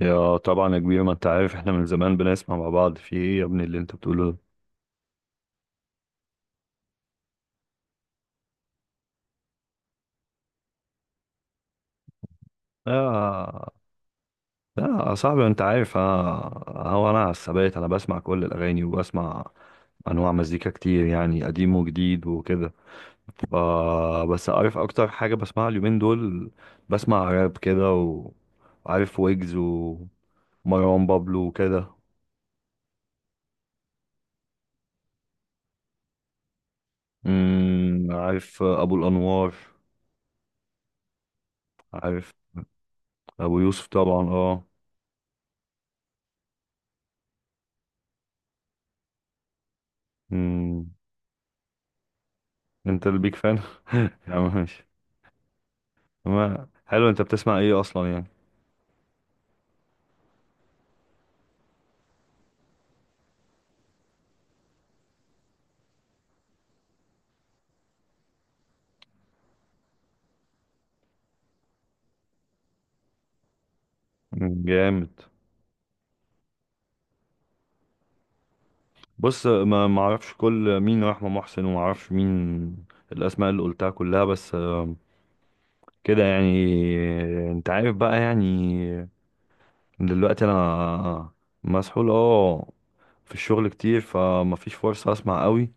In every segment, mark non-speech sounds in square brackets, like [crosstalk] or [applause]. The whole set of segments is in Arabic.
يا طبعا يا كبير ما انت عارف احنا من زمان بنسمع مع بعض. في ايه يا ابني اللي انت بتقوله ده؟ يا يا صاحبي انت عارف انا. هو انا على الثبات، انا بسمع كل الاغاني وبسمع انواع مزيكا كتير، يعني قديم وجديد وكده. ف بس عارف اكتر حاجه بسمعها اليومين دول، بسمع راب كده وعارف ويجز ومروان بابلو وكده. عارف ابو الانوار، عارف ابو يوسف طبعا. اه، انت البيك فان. [laughs] يا عم ماشي. ما حلو، انت بتسمع ايه اصلا يعني؟ جامد. بص، ما اعرفش كل مين رحمة محسن وما اعرفش مين الاسماء اللي قلتها كلها، بس كده يعني. انت عارف بقى يعني، دلوقتي انا مسحول اه في الشغل كتير، فما فيش فرصة اسمع قوي.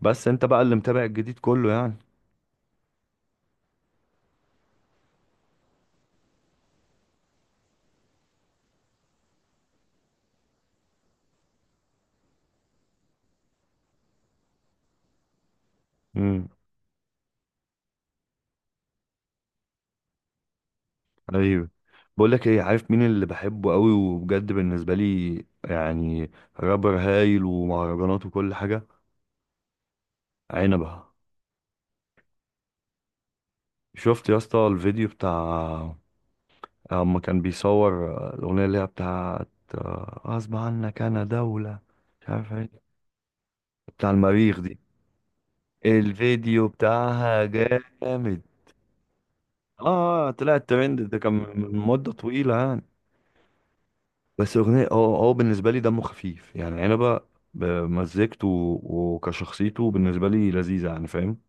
بس انت بقى اللي متابع الجديد كله يعني. مم. ايوه. بقول لك ايه، عارف مين اللي بحبه قوي وبجد بالنسبه لي يعني؟ رابر هايل ومهرجانات وكل حاجه، عنبه. شفت يا اسطى الفيديو بتاع اما كان بيصور الاغنيه اللي هي بتاعت غصب عنك انا دوله، مش عارف ايه، بتاع المريخ دي؟ الفيديو بتاعها جامد. اه طلع الترند، ده كان من مده طويله يعني. بس اغنيه، هو بالنسبه لي دمه خفيف يعني، عنبه بمزجته وكشخصيته بالنسبه لي لذيذه يعني، فاهم؟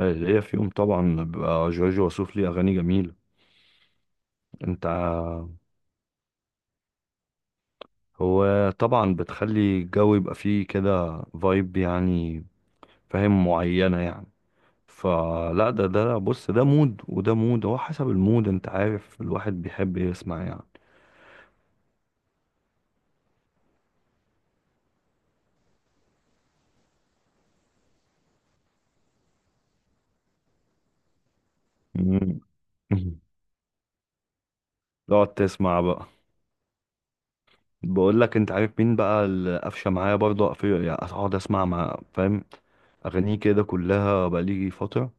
هي فيهم طبعا، بيبقى جورج وسوف ليه اغاني جميله. انت ع- هو طبعا بتخلي الجو يبقى فيه كده فايب يعني، فاهم؟ معينه يعني. فلا ده بص، ده مود وده مود، هو حسب المود انت عارف الواحد بيحب يسمع يعني. مم. [laughs] تقعد تسمع بقى. بقول لك، انت عارف مين بقى اللي قفشه معايا برضه، قفشه يعني اقعد اسمع مع، فاهم، اغانيه كده كلها بقالي فتره؟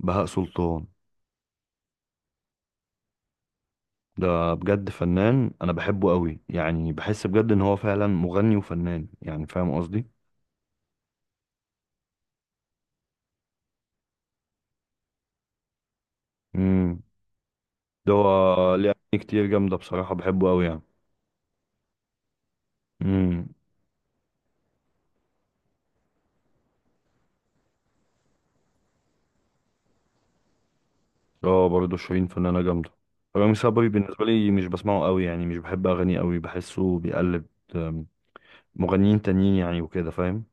بهاء سلطان. ده بجد فنان، انا بحبه قوي يعني، بحس بجد ان هو فعلا مغني وفنان يعني، فاهم قصدي؟ امم. ده هو ليه اغاني كتير جامده بصراحه، بحبه قوي يعني. امم. اه، برضه شيرين فنانه جامده. رامي صبري بالنسبه لي مش بسمعه قوي يعني، مش بحب اغانيه قوي، بحسه بيقلد ام، مغنيين تانيين يعني وكده، فاهم؟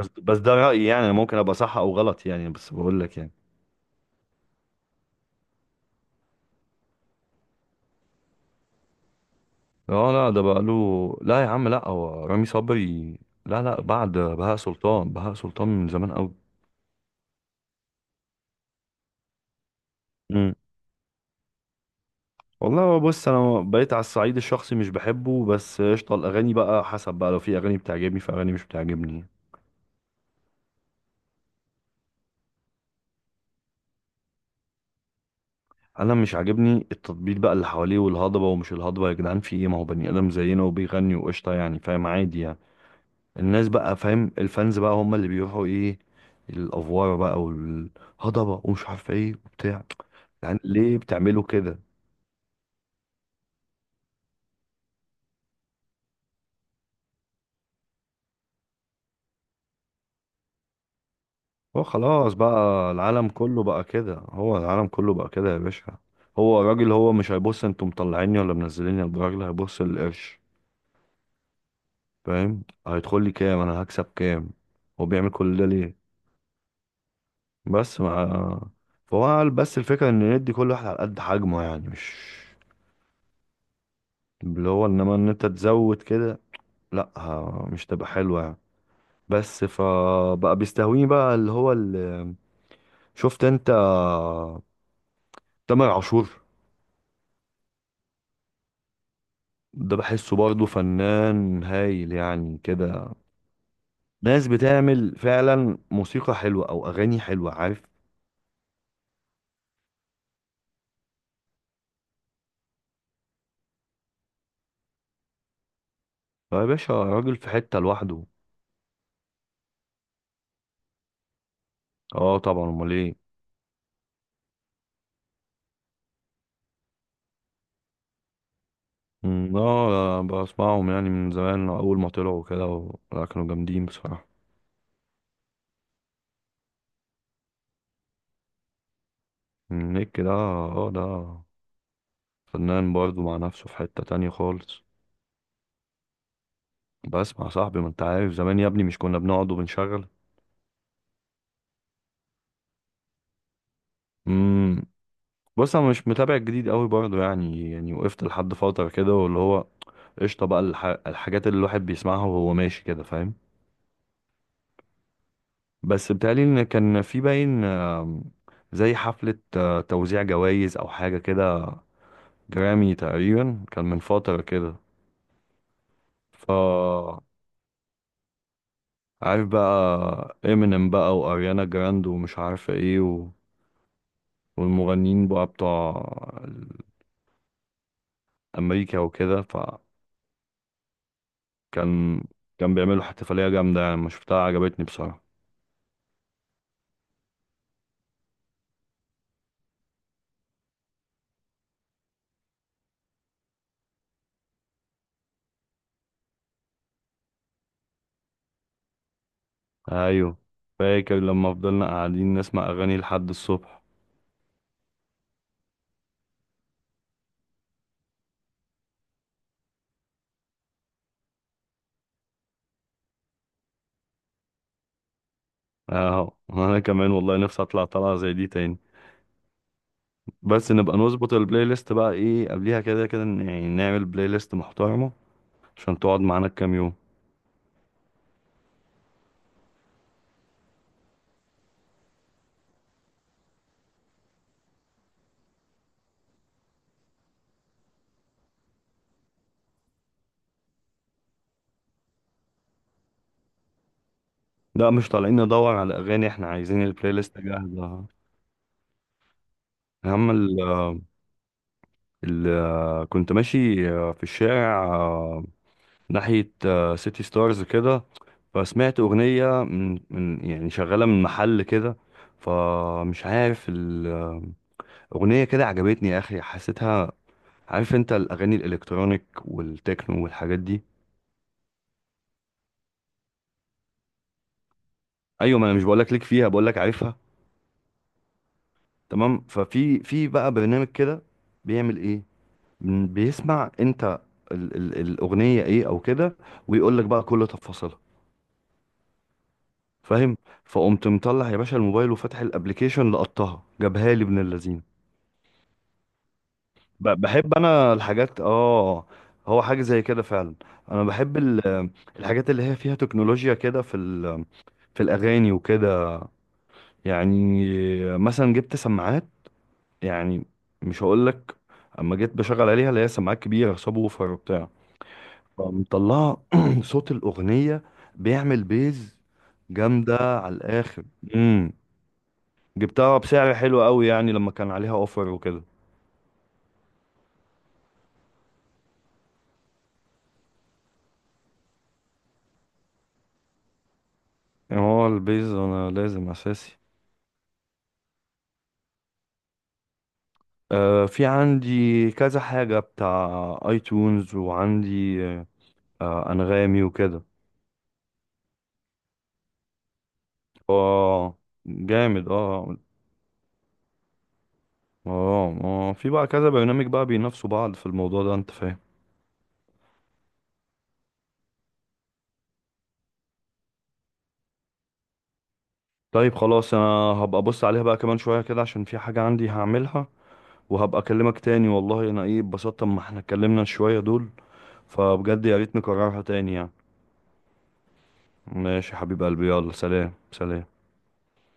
بس ده رأيي يعني، أنا ممكن ابقى صح او غلط يعني، بس بقول لك يعني. اه لا، ده بقى له، لا يا عم، لا هو رامي صبري، لا بعد بهاء سلطان. بهاء سلطان من زمان قوي. امم. والله هو بص، انا بقيت على الصعيد الشخصي مش بحبه، بس قشطه، الاغاني بقى حسب بقى، لو في اغاني بتعجبني في اغاني مش بتعجبني. انا مش عاجبني التطبيل بقى اللي حواليه، والهضبه ومش الهضبه، يا جدعان في ايه؟ ما هو بني ادم زينا وبيغني وقشطه يعني، فاهم؟ عادي يعني. الناس بقى فاهم، الفانز بقى هم اللي بيروحوا ايه، الافوار بقى والهضبه ومش عارف ايه وبتاع، يعني ليه بتعملوا كده؟ هو خلاص بقى، العالم كله بقى كده، هو العالم كله بقى كده يا باشا. هو الراجل هو مش هيبص انتوا مطلعيني ولا منزليني، الراجل هيبص للقرش، فاهم؟ هيدخل لي كام، انا هكسب كام، هو بيعمل كل ده ليه؟ بس مع، فهو قال، بس الفكره ان ندي كل واحد على قد حجمه يعني، مش اللي هو، انما ان انت تزود كده لا ه- مش تبقى حلوة يعني. بس فبقى بيستهويني بقى اللي هو اللي، شفت انت تامر عاشور؟ ده بحسه برضه فنان هايل يعني كده، ناس بتعمل فعلا موسيقى حلوة او اغاني حلوة، عارف؟ يا باشا راجل في حتة لوحده. اه طبعا، امال ايه. مم، اه بسمعهم يعني من زمان اول ما طلعوا كده لا كانوا جامدين بصراحة. مم، نيك ده اه، ده فنان برضه مع نفسه في حتة تانية خالص. بسمع صاحبي، ما انت عارف زمان يا ابني مش كنا بنقعد وبنشغل. امم. بص انا مش متابع الجديد قوي برضه يعني، وقفت لحد فتره كده واللي هو قشطه بقى الحاجات اللي الواحد بيسمعها وهو ماشي كده، فاهم؟ بس بتهيألي ان كان في باين زي حفله توزيع جوائز او حاجه كده، جرامي تقريبا، كان من فتره كده. ف عارف بقى امينيم بقى واريانا جراند ومش عارفه ايه و... والمغنيين بقى بتوع امريكا وكده. فكان كان بيعملوا احتفاليه جامده يعني، ما شفتها عجبتني بصراحه. ايوه، فاكر لما فضلنا قاعدين نسمع اغاني لحد الصبح؟ اهو. [laughs] انا كمان والله نفسي اطلع طلعه زي دي تاني، بس نبقى نظبط البلاي ليست بقى، ايه قبليها كده كده، يعني نعمل بلاي ليست محترمه عشان تقعد معانا كام يوم. لا مش طالعين ندور على اغاني، احنا عايزين البلاي ليست جاهزه. اهم ال كنت ماشي في الشارع ناحية سيتي ستارز كده، فسمعت أغنية من يعني شغالة من محل كده، فمش عارف الأغنية كده، عجبتني يا أخي، حسيتها. عارف أنت الأغاني الإلكترونيك والتكنو والحاجات دي؟ أيوة، ما أنا مش بقولك ليك فيها، بقولك عارفها. تمام. في بقى برنامج كده، بيعمل إيه، بيسمع أنت ال الأغنية إيه أو كده، ويقولك بقى كل تفاصيلها، فاهم؟ فقمت مطلع يا باشا الموبايل وفاتح الابليكيشن، لقطها جابها لي ابن اللذين. بحب انا الحاجات اه، هو حاجه زي كده فعلا. انا بحب الحاجات اللي هي فيها تكنولوجيا كده في في الاغاني وكده يعني. مثلا جبت سماعات يعني، مش هقول لك، اما جيت بشغل عليها اللي هي سماعات كبيره سب ووفر وبتاع، فمطلعه [clears throat] صوت الاغنيه بيعمل بيز جامده على الاخر. جبتها بسعر حلو قوي يعني لما كان عليها اوفر وكده، يعني هو البيز انا لازم اساسي. آه، في عندي كذا حاجة بتاع، ايتونز وعندي انغامي وكده. اه جامد اه. اه، اه في بقى كذا برنامج بقى بينافسوا بعض في الموضوع ده، انت فاهم. طيب خلاص، انا هبقى ابص عليها بقى كمان شوية كده عشان في حاجة عندي هعملها، وهبقى اكلمك تاني. والله انا ايه اتبسطت اما احنا اتكلمنا شوية دول، فبجد يا ريت نكررها تاني يعني. ماشي يا حبيب قلبي، يلا سلام سلام.